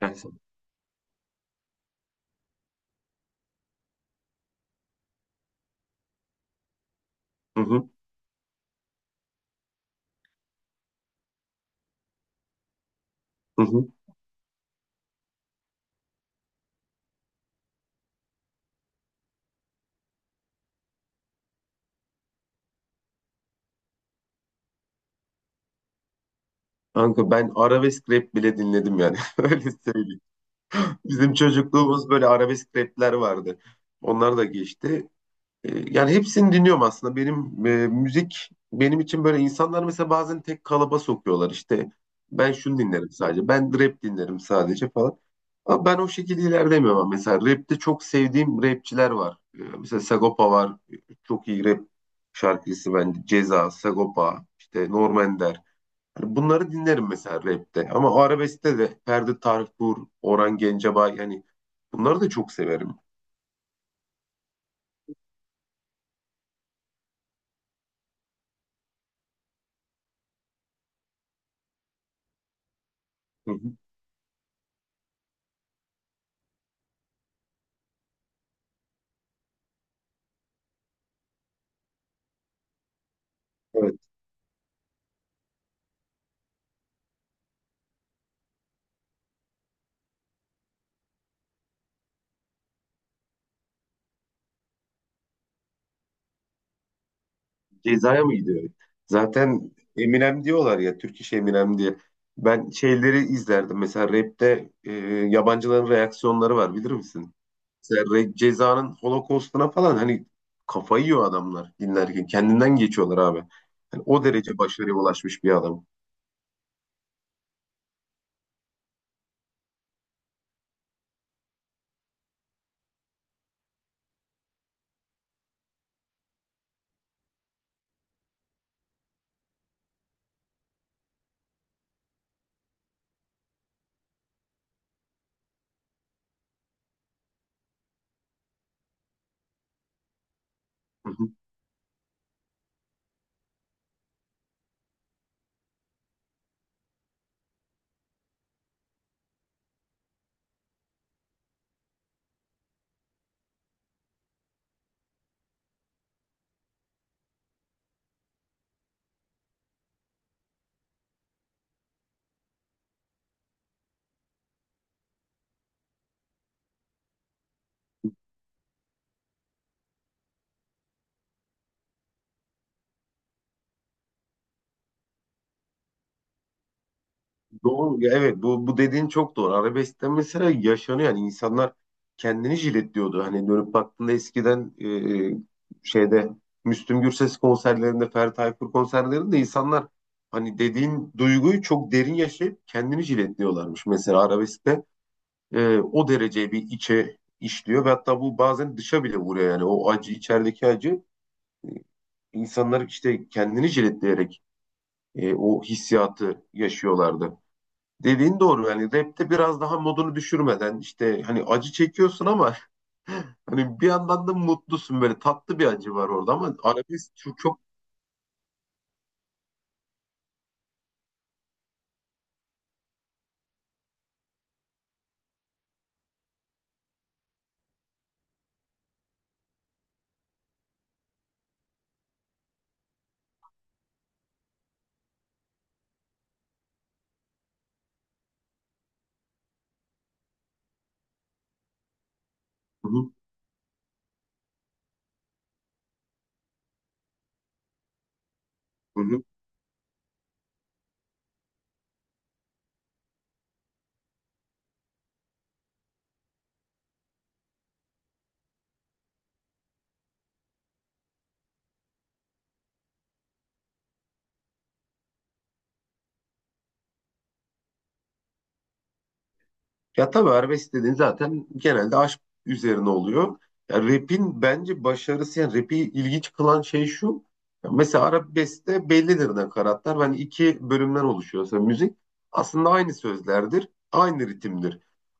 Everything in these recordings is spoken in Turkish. Yani, hı hı, hı hı. Kanka ben arabesk rap bile dinledim yani. Öyle söyleyeyim. Bizim çocukluğumuz böyle arabesk rapler vardı. Onlar da geçti. Yani hepsini dinliyorum aslında. Benim müzik benim için böyle insanlar mesela bazen tek kalıba sokuyorlar işte. Ben şunu dinlerim sadece. Ben rap dinlerim sadece falan. Ama ben o şekilde ilerlemiyorum ama mesela rapte çok sevdiğim rapçiler var. Mesela Sagopa var. Çok iyi rap şarkıcısı bence. Ceza, Sagopa, işte Norm Ender. Hani bunları dinlerim mesela rapte. Ama o arabeskte de Ferdi Tayfur, Orhan Gencebay yani bunları da çok severim. Hı hı. Evet. Ceza'ya mı gidiyor? Zaten Eminem diyorlar ya, Türk iş Eminem diye. Ben şeyleri izlerdim. Mesela rapte yabancıların reaksiyonları var bilir misin? Mesela Ceza'nın Holocaust'una falan hani kafayı yiyor adamlar dinlerken. Kendinden geçiyorlar abi. Hani o derece başarıya ulaşmış bir adam. Doğru. Ya evet bu dediğin çok doğru. Arabeskte mesela yaşanıyor. Yani insanlar kendini jiletliyordu. Hani dönüp baktığında eskiden e, şeyde Müslüm Gürses konserlerinde, Ferdi Tayfur konserlerinde insanlar hani dediğin duyguyu çok derin yaşayıp kendini jiletliyorlarmış. Mesela arabeskte o derece bir içe işliyor ve hatta bu bazen dışa bile vuruyor. Yani o acı, içerideki acı, e, insanlar işte kendini jiletleyerek o hissiyatı yaşıyorlardı. Dediğin doğru, yani rapte biraz daha modunu düşürmeden işte hani acı çekiyorsun ama hani bir yandan da mutlusun, böyle tatlı bir acı var orada ama arabesk çok çok. Hı hı, hı hı. Ya tabii arabesk dediğin zaten genelde aşk üzerine oluyor. Ya rap'in bence başarısı, yani rap'i ilginç kılan şey şu. Ya mesela arabeskte bellidir nakaratlar. Hani iki bölümden oluşuyorsa müzik aslında aynı sözlerdir, aynı ritimdir.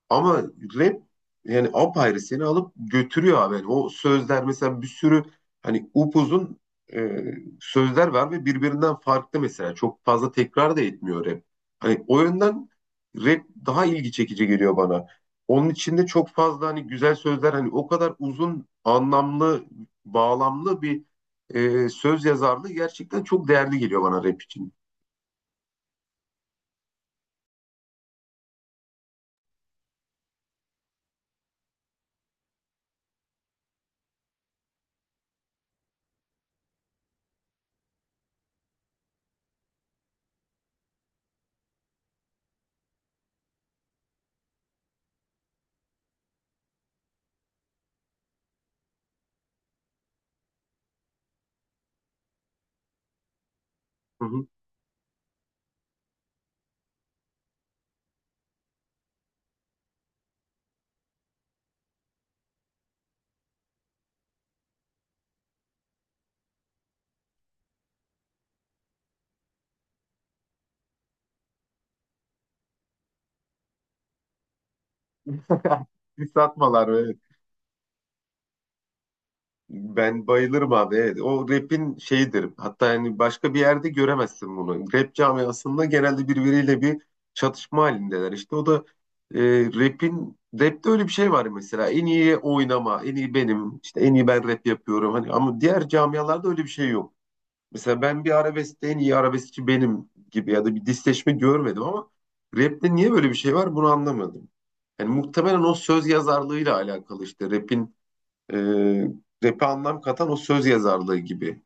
Ama rap yani apayrı seni alıp götürüyor abi. Yani o sözler mesela bir sürü hani upuzun e, sözler var ve birbirinden farklı mesela. Çok fazla tekrar da etmiyor rap. Hani o yönden rap daha ilgi çekici geliyor bana. Onun içinde çok fazla hani güzel sözler, hani o kadar uzun anlamlı bağlamlı bir, söz yazarlığı gerçekten çok değerli geliyor bana rap için. Hı hı. Diss atmalar, evet. Ben bayılırım abi. Evet. O rap'in şeyidir. Hatta yani başka bir yerde göremezsin bunu. Rap camiasında genelde birbiriyle bir çatışma halindeler. İşte o da e, rap'te öyle bir şey var mesela. En iyi oynama, en iyi benim, işte en iyi ben rap yapıyorum. Hani ama diğer camialarda öyle bir şey yok. Mesela ben bir arabeskte en iyi arabeskçi benim gibi ya da bir disleşme görmedim ama rap'te niye böyle bir şey var bunu anlamadım. Yani muhtemelen o söz yazarlığıyla alakalı, işte rap'in, e, rap'e anlam katan o söz yazarlığı gibi.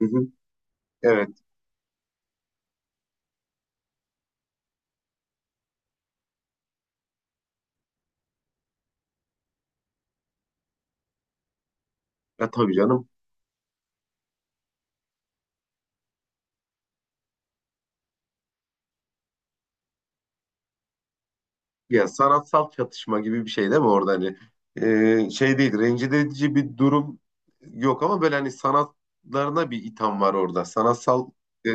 Hı hı. Evet. Ya tabii canım. Ya sanatsal çatışma gibi bir şey değil mi orada hani. E, şey değil, rencide edici bir durum yok ama böyle hani sanatlarına bir itham var orada. Sanatsal e,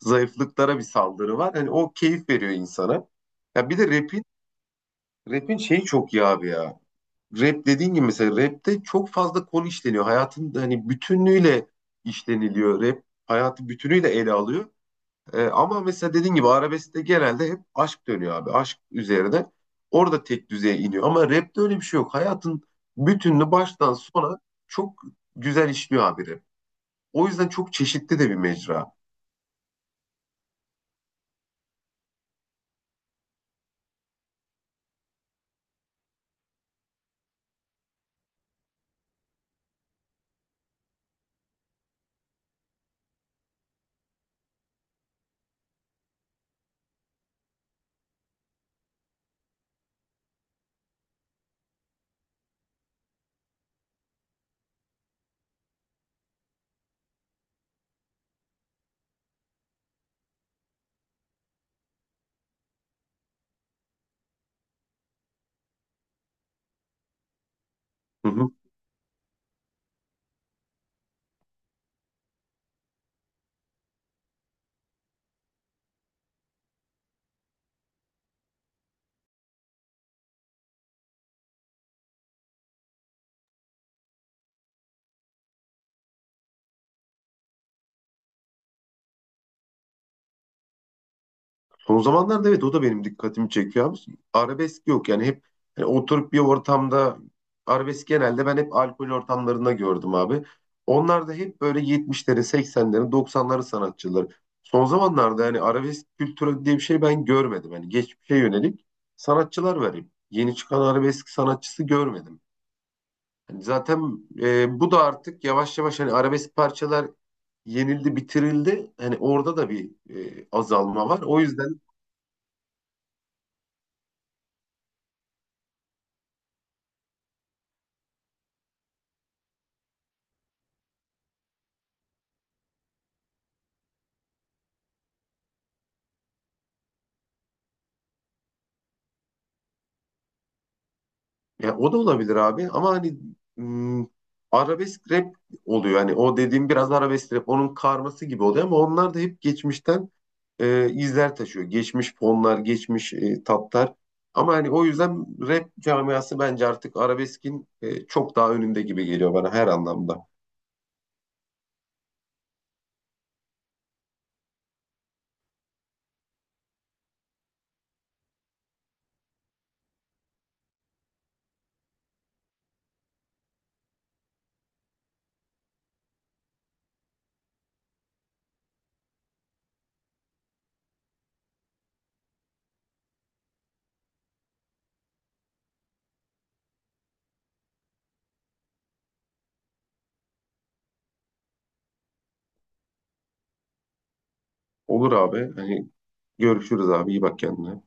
zayıflıklara bir saldırı var. Hani o keyif veriyor insana. Ya bir de rap'in şeyi çok iyi abi ya. Rap dediğin gibi mesela rap'te çok fazla konu işleniyor. Hayatın hani bütünlüğüyle işleniliyor. Rap hayatı bütünüyle ele alıyor. Ama mesela dediğin gibi arabeskte genelde hep aşk dönüyor abi. Aşk üzerine. Orada tek düzeye iniyor. Ama rapte öyle bir şey yok. Hayatın bütününü baştan sona çok güzel işliyor abi rap. O yüzden çok çeşitli de bir mecra. Hı hı. Son zamanlarda evet o da benim dikkatimi çekiyor abi. Arabesk yok yani, hep hani oturup bir ortamda arabesk genelde ben hep alkol ortamlarında gördüm abi. Onlar da hep böyle 70'lerin, 80'lerin, 90'ların sanatçıları. Son zamanlarda yani arabesk kültürü diye bir şey ben görmedim. Hani geçmişe yönelik sanatçılar var hep. Yeni çıkan arabesk sanatçısı görmedim. Hani zaten bu da artık yavaş yavaş hani arabesk parçalar yenildi, bitirildi. Hani orada da bir azalma var. O yüzden ya o da olabilir abi ama hani, mm, arabesk rap oluyor. Hani o dediğim biraz arabesk rap onun karması gibi oluyor ama onlar da hep geçmişten izler taşıyor. Geçmiş fonlar, geçmiş tatlar. Ama hani o yüzden rap camiası bence artık arabeskin, çok daha önünde gibi geliyor bana her anlamda. Olur abi. Hani görüşürüz abi. İyi bak kendine.